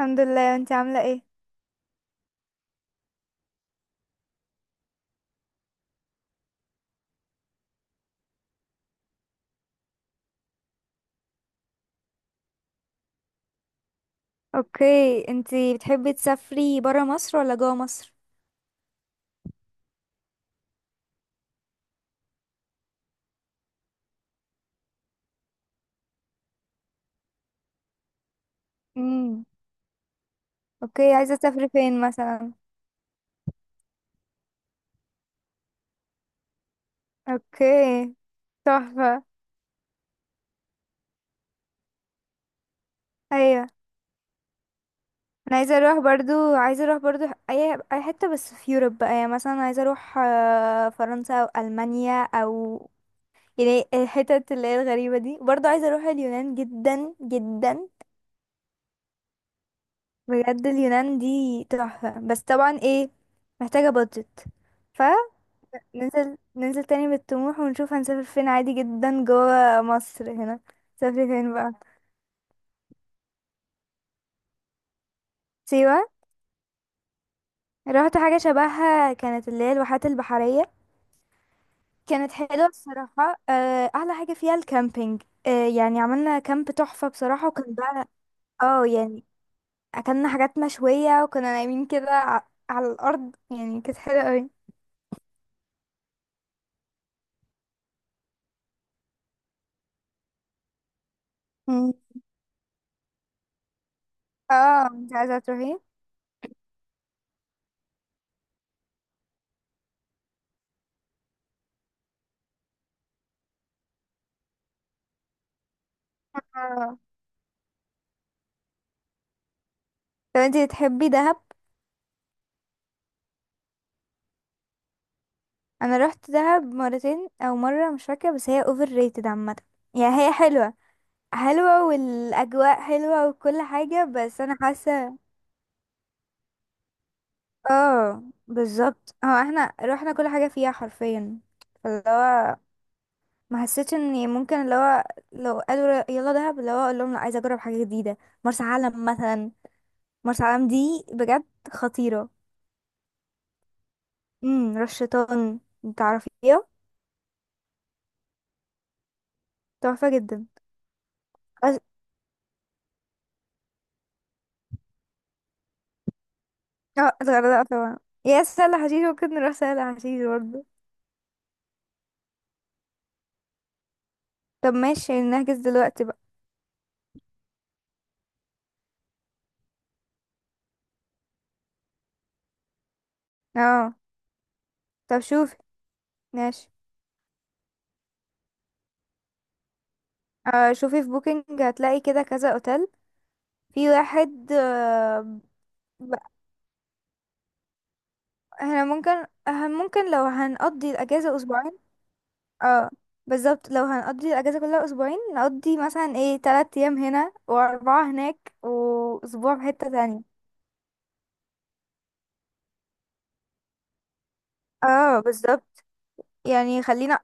الحمد لله، انت عاملة ايه؟ اوكي، انت بتحبي تسافري برا مصر ولا جوا مصر؟ امم اوكي، عايزة تسافري فين مثلا؟ اوكي، تحفة. ايوه، انا عايزة اروح برضو عايزة اروح برضو. اي حتة بس في يوروب بقى، يعني مثلا عايزة اروح فرنسا او المانيا، او يعني الحتت اللي هي الغريبة دي، برضو عايزة اروح اليونان جدا جدا. بجد اليونان دي تحفة، بس طبعا ايه، محتاجة بادجت. ننزل ننزل تاني بالطموح ونشوف هنسافر فين، عادي جدا جوه مصر هنا. سافر فين بقى؟ سيوة. رحت حاجة شبهها، كانت اللي هي الواحات البحرية. كانت حلوة بصراحة. أحلى حاجة فيها الكامبينج. يعني عملنا كامب تحفة بصراحة، وكان بقى اه يعني أكلنا حاجات مشوية، وكنا نايمين كده على الأرض، يعني كانت حلوة أوي. مم. اه، انت عايزة تروحي. اه طب، انتي بتحبي دهب؟ انا رحت دهب مرتين او مره مش فاكره، بس هي اوفر ريتد عامه. يعني هي حلوه، حلوه والاجواء حلوه وكل حاجه، بس انا حاسه اه بالظبط، هو احنا رحنا كل حاجه فيها حرفيا. فاللي هو ما حسيتش اني ممكن اللي هو، لو قالوا يلا دهب اللي هو اقول لهم لا، عايزه اجرب حاجه جديده. مرسى علم مثلا. مرسى علم دي بجد خطيره. رش شيطان، تعرفيها؟ تحفه جدا. اه الغردقة طبعا، يا سهل حشيش ممكن نروح سهل حشيش برضه. طب ماشي، نحجز دلوقتي بقى. اه طب شوفي، ماشي. آه، شوفي في بوكينج هتلاقي كده كذا اوتيل، في واحد. ب- احنا ممكن، اه ممكن لو هنقضي الاجازة اسبوعين. اه بالظبط، لو هنقضي الاجازة كلها اسبوعين نقضي مثلا ايه 3 ايام هنا و4 هناك واسبوع في حتة تانية. اه بالظبط، يعني خلينا،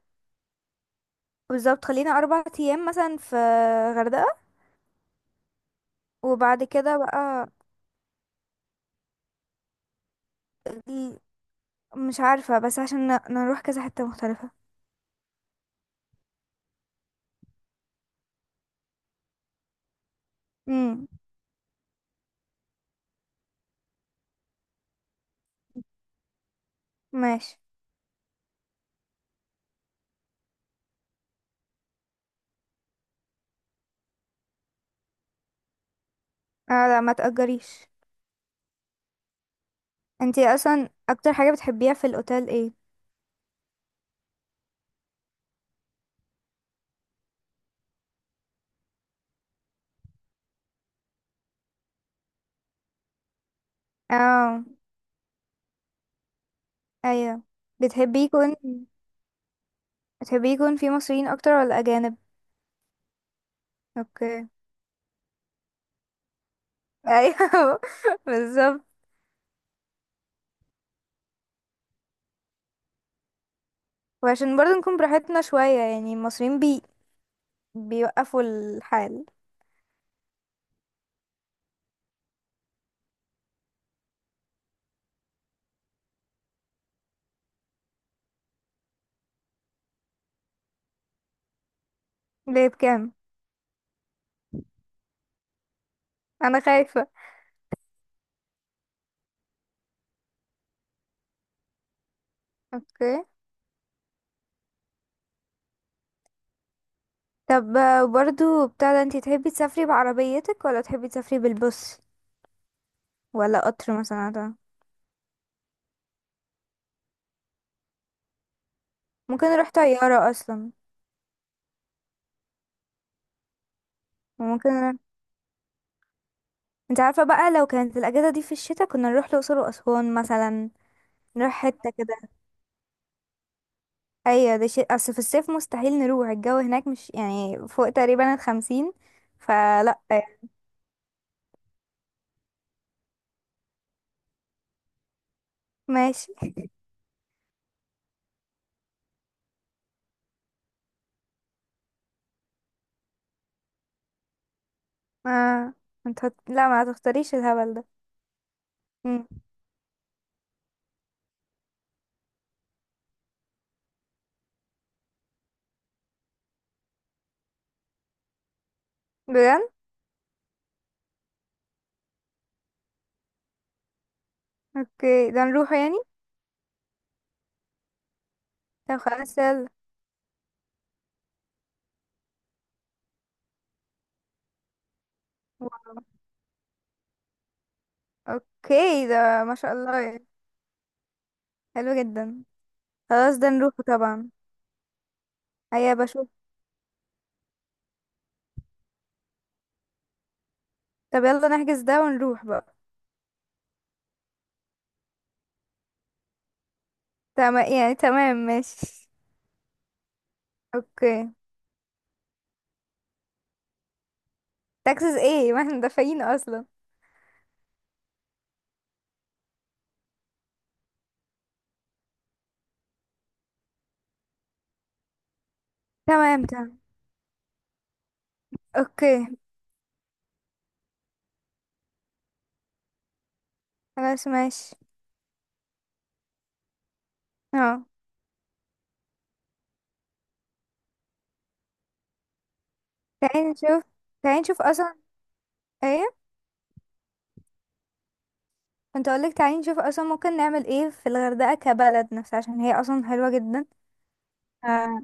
بالظبط خلينا 4 ايام مثلا في غردقة، وبعد كده بقى ال- مش عارفة، بس عشان نروح كذا حتة مختلفة. امم ماشي. اه لا، ما تأجريش. انتي اصلا اكتر حاجة بتحبيها في الاوتيل ايه؟ اه، ايوه. بتحبي يكون بتحبي يكون في مصريين اكتر ولا اجانب؟ اوكي. ايوه، بالظبط. وعشان برضه نكون براحتنا شوية، يعني المصريين بيوقفوا الحال. ليه، بكام؟ انا خايفة. اوكي. طب برضو بتاع ده، انتي تحبي تسافري بعربيتك ولا تحبي تسافري بالبص، ولا قطر مثلا ده؟ ممكن نروح طيارة اصلا. وممكن نروح... انت عارفة بقى، لو كانت الاجازة دي في الشتاء كنا نروح الأقصر وأسوان مثلا، نروح حتة كده. ايوه ده شيء، اصل في الصيف مستحيل نروح، الجو هناك مش يعني فوق تقريبا الـ50، فلا يعني. ماشي. اه، انت لا ما هتختاريش الهبل ده. مم. بجد؟ اوكي، ده نروح يعني. طب خلاص يلا. اوكي، ده ما شاء الله يعني. حلو جدا. خلاص ده نروحه طبعا. هيا بشوف. طب يلا نحجز ده ونروح بقى. تمام يعني، تمام ماشي. اوكي. تاكسس ايه ما احنا دافعين اصلا. تمام تمام. اوكي. خلاص ماشي. اه، تعالي نشوف تعالي نشوف اصلا. ايه؟ كنت اقولك تعالي نشوف اصلا، ممكن نعمل ايه في الغردقة كبلد نفسها، عشان هي اصلا حلوة جدا. اه.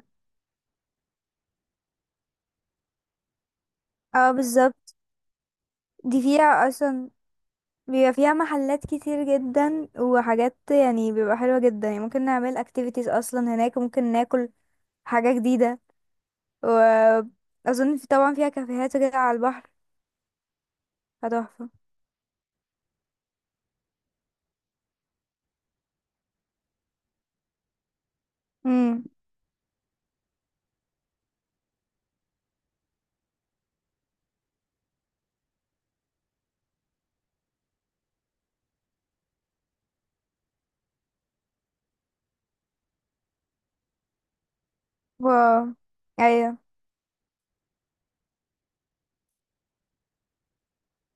آه بالظبط. دي فيها اصلا بيبقى فيها محلات كتير جدا وحاجات، يعني بيبقى حلوة جدا، يعني ممكن نعمل activities اصلا هناك، ممكن ناكل حاجة جديدة، واظن في طبعا فيها كافيهات وكده على البحر، هتحفة. امم واو، ايوه.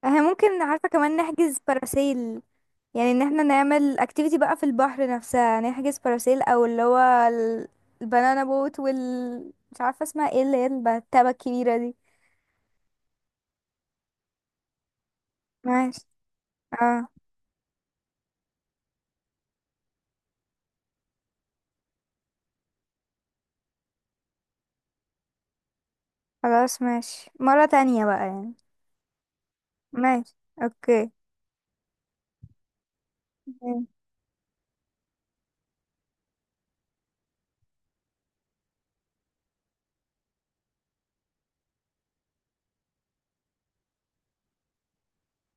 احنا ممكن عارفة كمان نحجز باراسيل، يعني ان احنا نعمل activity بقى في البحر نفسها، نحجز باراسيل او اللي هو ال- البنانا بوت، وال مش عارفة اسمها ايه اللي هي التبة الكبيرة دي. ماشي. اه خلاص، ماشي مرة تانية بقى يعني. ماشي، اوكي. مم.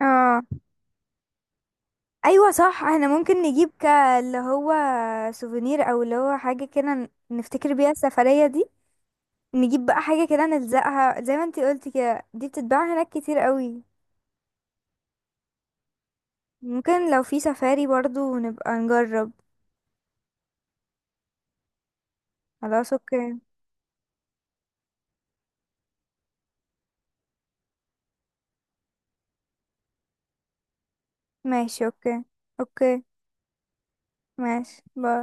اه، ايوه صح، احنا ممكن نجيب اللي هو سوفينير، او اللي هو حاجه كده نفتكر بيها السفريه دي. نجيب بقى حاجه كده نلزقها، زي ما انتي قلتي كده، دي بتتباع هناك كتير قوي. ممكن لو في سفاري برضو نبقى نجرب. خلاص اوكي. ماشي اوكي، اوكي. ماشي باي.